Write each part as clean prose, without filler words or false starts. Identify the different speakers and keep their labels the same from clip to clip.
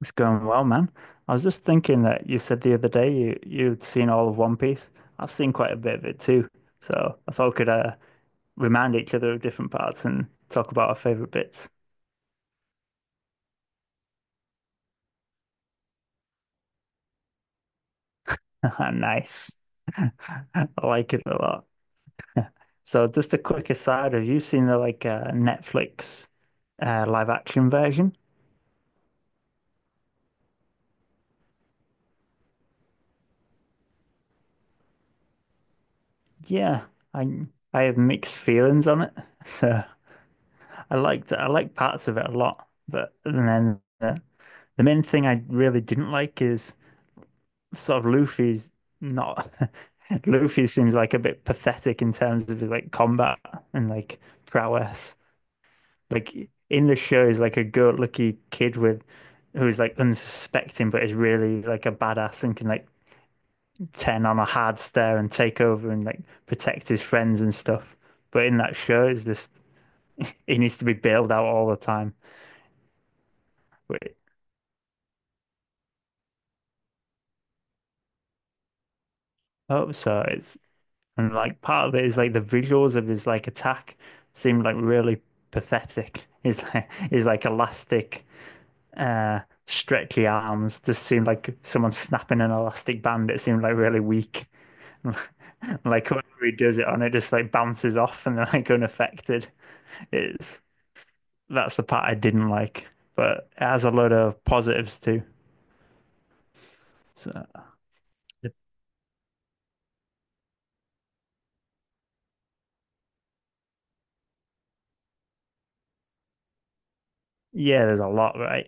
Speaker 1: It's going well, man. I was just thinking that you said the other day you'd seen all of One Piece. I've seen quite a bit of it too, so I thought we could remind each other of different parts and talk about our favorite bits. Nice. I like it a lot. So just a quick aside, have you seen the like Netflix live action version? Yeah, I I have mixed feelings on it. So I like parts of it a lot, but and then the main thing I really didn't like is sort of Luffy's not. Luffy seems like a bit pathetic in terms of his like combat and like prowess. Like in the show he's like a good-lucky kid with who's like unsuspecting but is really like a badass and can like turn on a hard stare and take over and like protect his friends and stuff. But in that show it's just he needs to be bailed out all the time. But I hope so. It's. And like part of it is like the visuals of his like attack seemed like really pathetic. His like elastic stretchy arms just seemed like someone snapping an elastic band. It seemed like really weak. Like whoever he does it on, it just like bounces off and they're like unaffected. It's that's the part I didn't like. But it has a load of positives too. So yeah, there's a lot, right?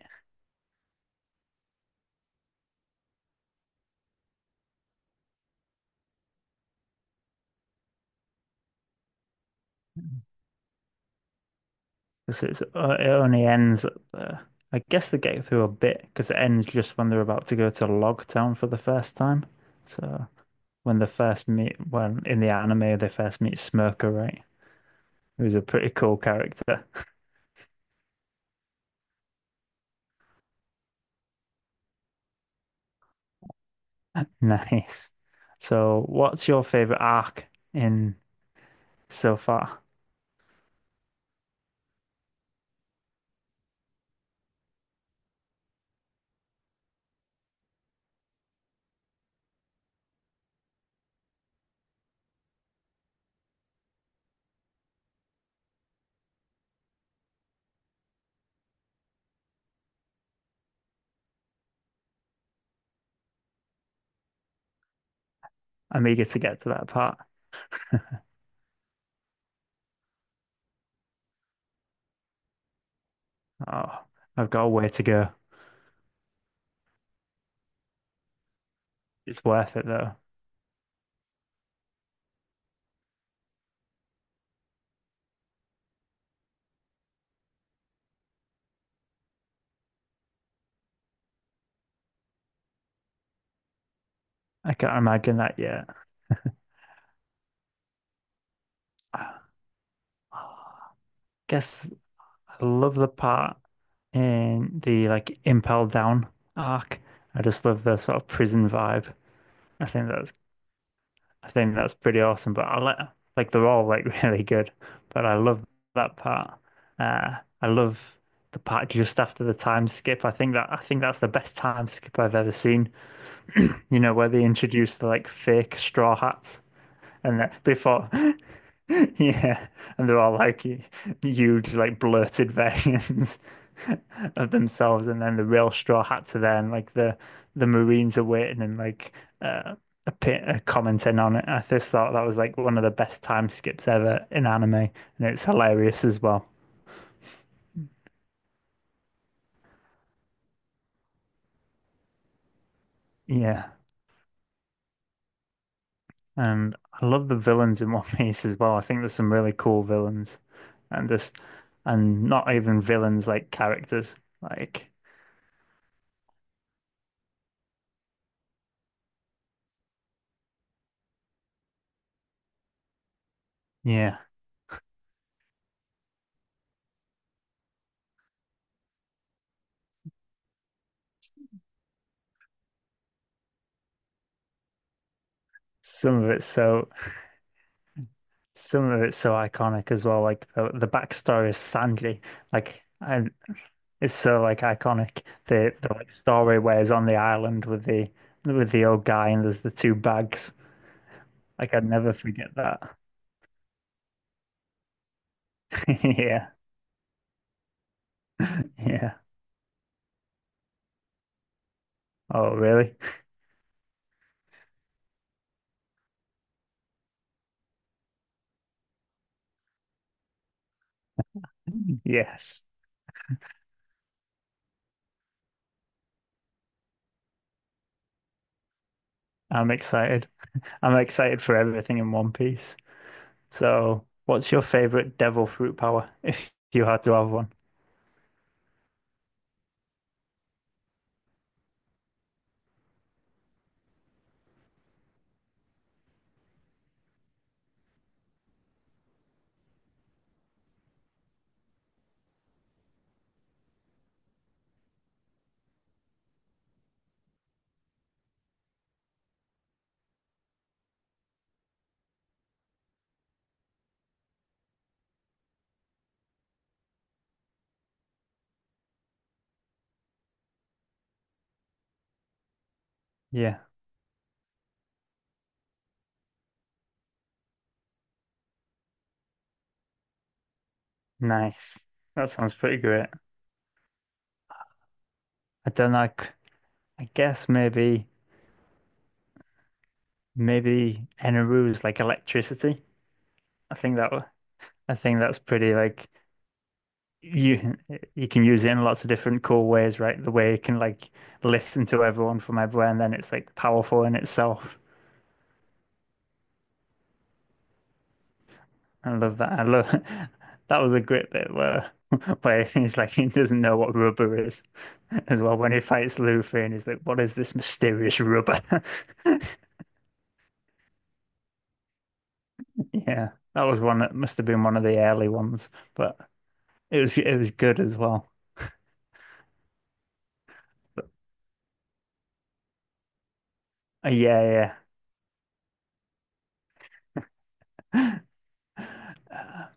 Speaker 1: Because it's it only ends at the. I guess they get through a bit because it ends just when they're about to go to Log Town for the first time. So when they first meet, when in the anime they first meet Smoker, right? Who's a pretty cool character. Nice. So what's your favorite arc in so far? I'm eager to get to that part. Oh, I've got a way to go. It's worth it though. I can't imagine that yet. I guess I love the part in the like Impel Down arc. I just love the sort of prison vibe. I think that's I think that's pretty awesome. But I like they're all like really good. But I love that part. Uh, I love the part just after the time skip. I think that I think that's the best time skip I've ever seen. You know where they introduce the like fake straw hats and that before. Yeah, and they're all like huge, like blurted versions of themselves, and then the real Straw Hats are there, and like the Marines are waiting and like uh, a pit, commenting on it. I just thought that was like one of the best time skips ever in anime, and it's hilarious as well. Yeah, and I love the villains in One Piece as well. I think there's some really cool villains, and just and not even villains like characters. Like, yeah, some of it's so. some of it's so iconic as well. Like the backstory of Sanji, like and it's so like iconic. The like story where he's on the island with the old guy and there's the two bags. Like I'd never forget that. Yeah, yeah. Oh, really? Yes. I'm excited. I'm excited for everything in One Piece. So, what's your favorite devil fruit power if you had to have one? Yeah, nice. That sounds pretty great. I don't like. I guess maybe. Maybe Eneru is like electricity. I think that wa- I think that's pretty like you you can use it in lots of different cool ways, right? The way you can like listen to everyone from everywhere, and then it's like powerful in itself. I love that. I love that was a great bit where where he's like he doesn't know what rubber is as well when he fights Luffy and he's like, what is this mysterious rubber? Yeah, that was one that must have been one of the early ones, but it was good as well. But, yeah, yeah. Uh, I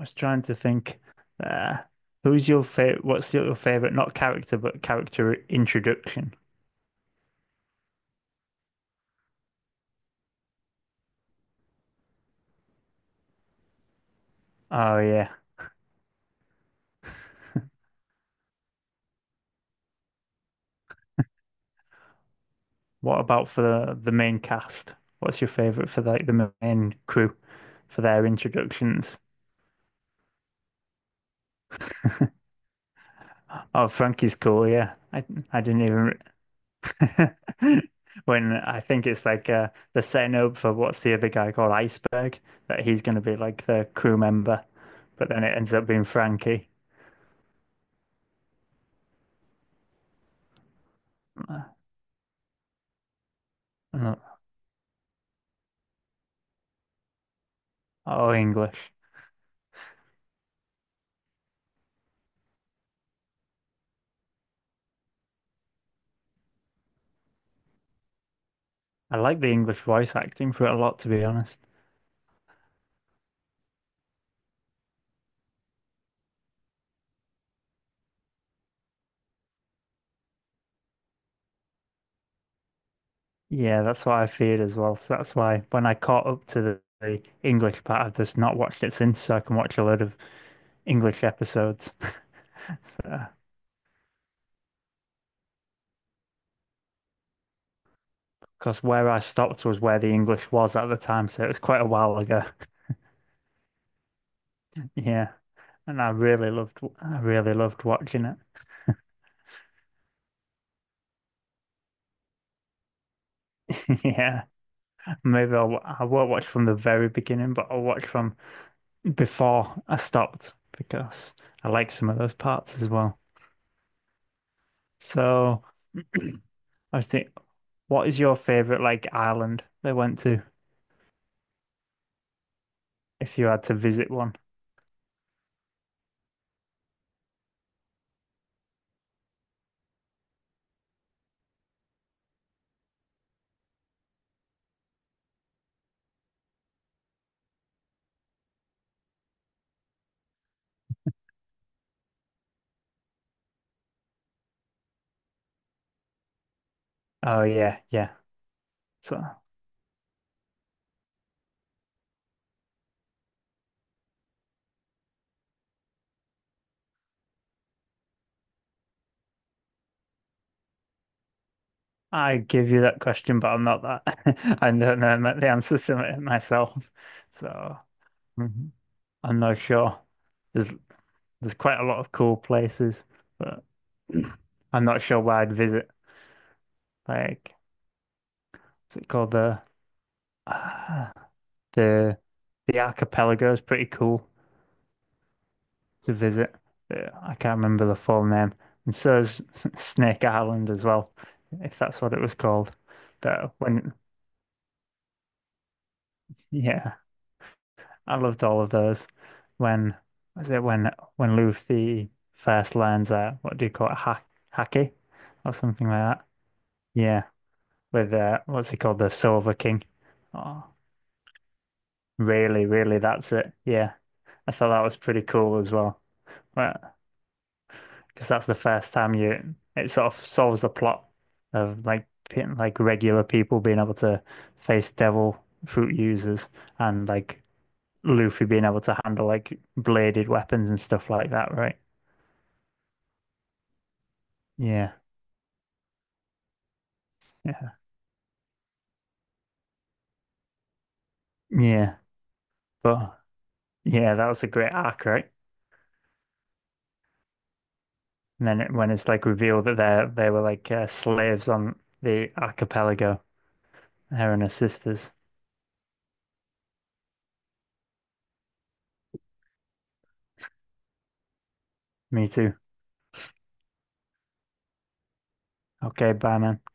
Speaker 1: was trying to think. Uh, Who's your favorite? What's your favorite? Not character, but character introduction. Oh yeah. What about for the main cast? What's your favorite for like the main crew for their introductions? Oh, Frankie's cool. Yeah, I didn't even re- when I think it's like the setting up for what's the other guy called Iceberg that he's going to be like the crew member, but then it ends up being Frankie. Uh, Oh, English. I like the English voice acting for it a lot, to be honest. Yeah, that's what I feared as well. So that's why when I caught up to the English part, I've just not watched it since, so I can watch a load of English episodes. So, because where I stopped was where the English was at the time, so it was quite a while ago. Yeah, and I really loved watching it. Yeah, maybe I'll, I won't watch from the very beginning, but I'll watch from before I stopped because I like some of those parts as well. So. I was What is your favorite like island they went to if you had to visit one? Oh yeah, yeah. So I give you that question, but I'm not that. I don't know the answer to it myself, so mhm, I'm not sure. There's there's quite a lot of cool places, but I'm not sure where I'd visit. Like, what's it called the uh, the the archipelago is pretty cool to visit. I can't remember the full name. And so is Snake Island as well, if that's what it was called. But when, yeah, I loved all of those. When was it when Luffy first learns what do you call it, ha haki or something like that? Yeah, with what's he called, the Silver King? Oh, really, that's it. Yeah, I thought that was pretty cool as well. Well, because that's the first time you it sort of solves the plot of like like regular people being able to face devil fruit users and like Luffy being able to handle like bladed weapons and stuff like that, right? Yeah, yeah, yeah. But yeah, that was a great arc, right? And then it, when it's like revealed that they were like slaves on the archipelago, her and her sisters. Me too. Okay, bye, man.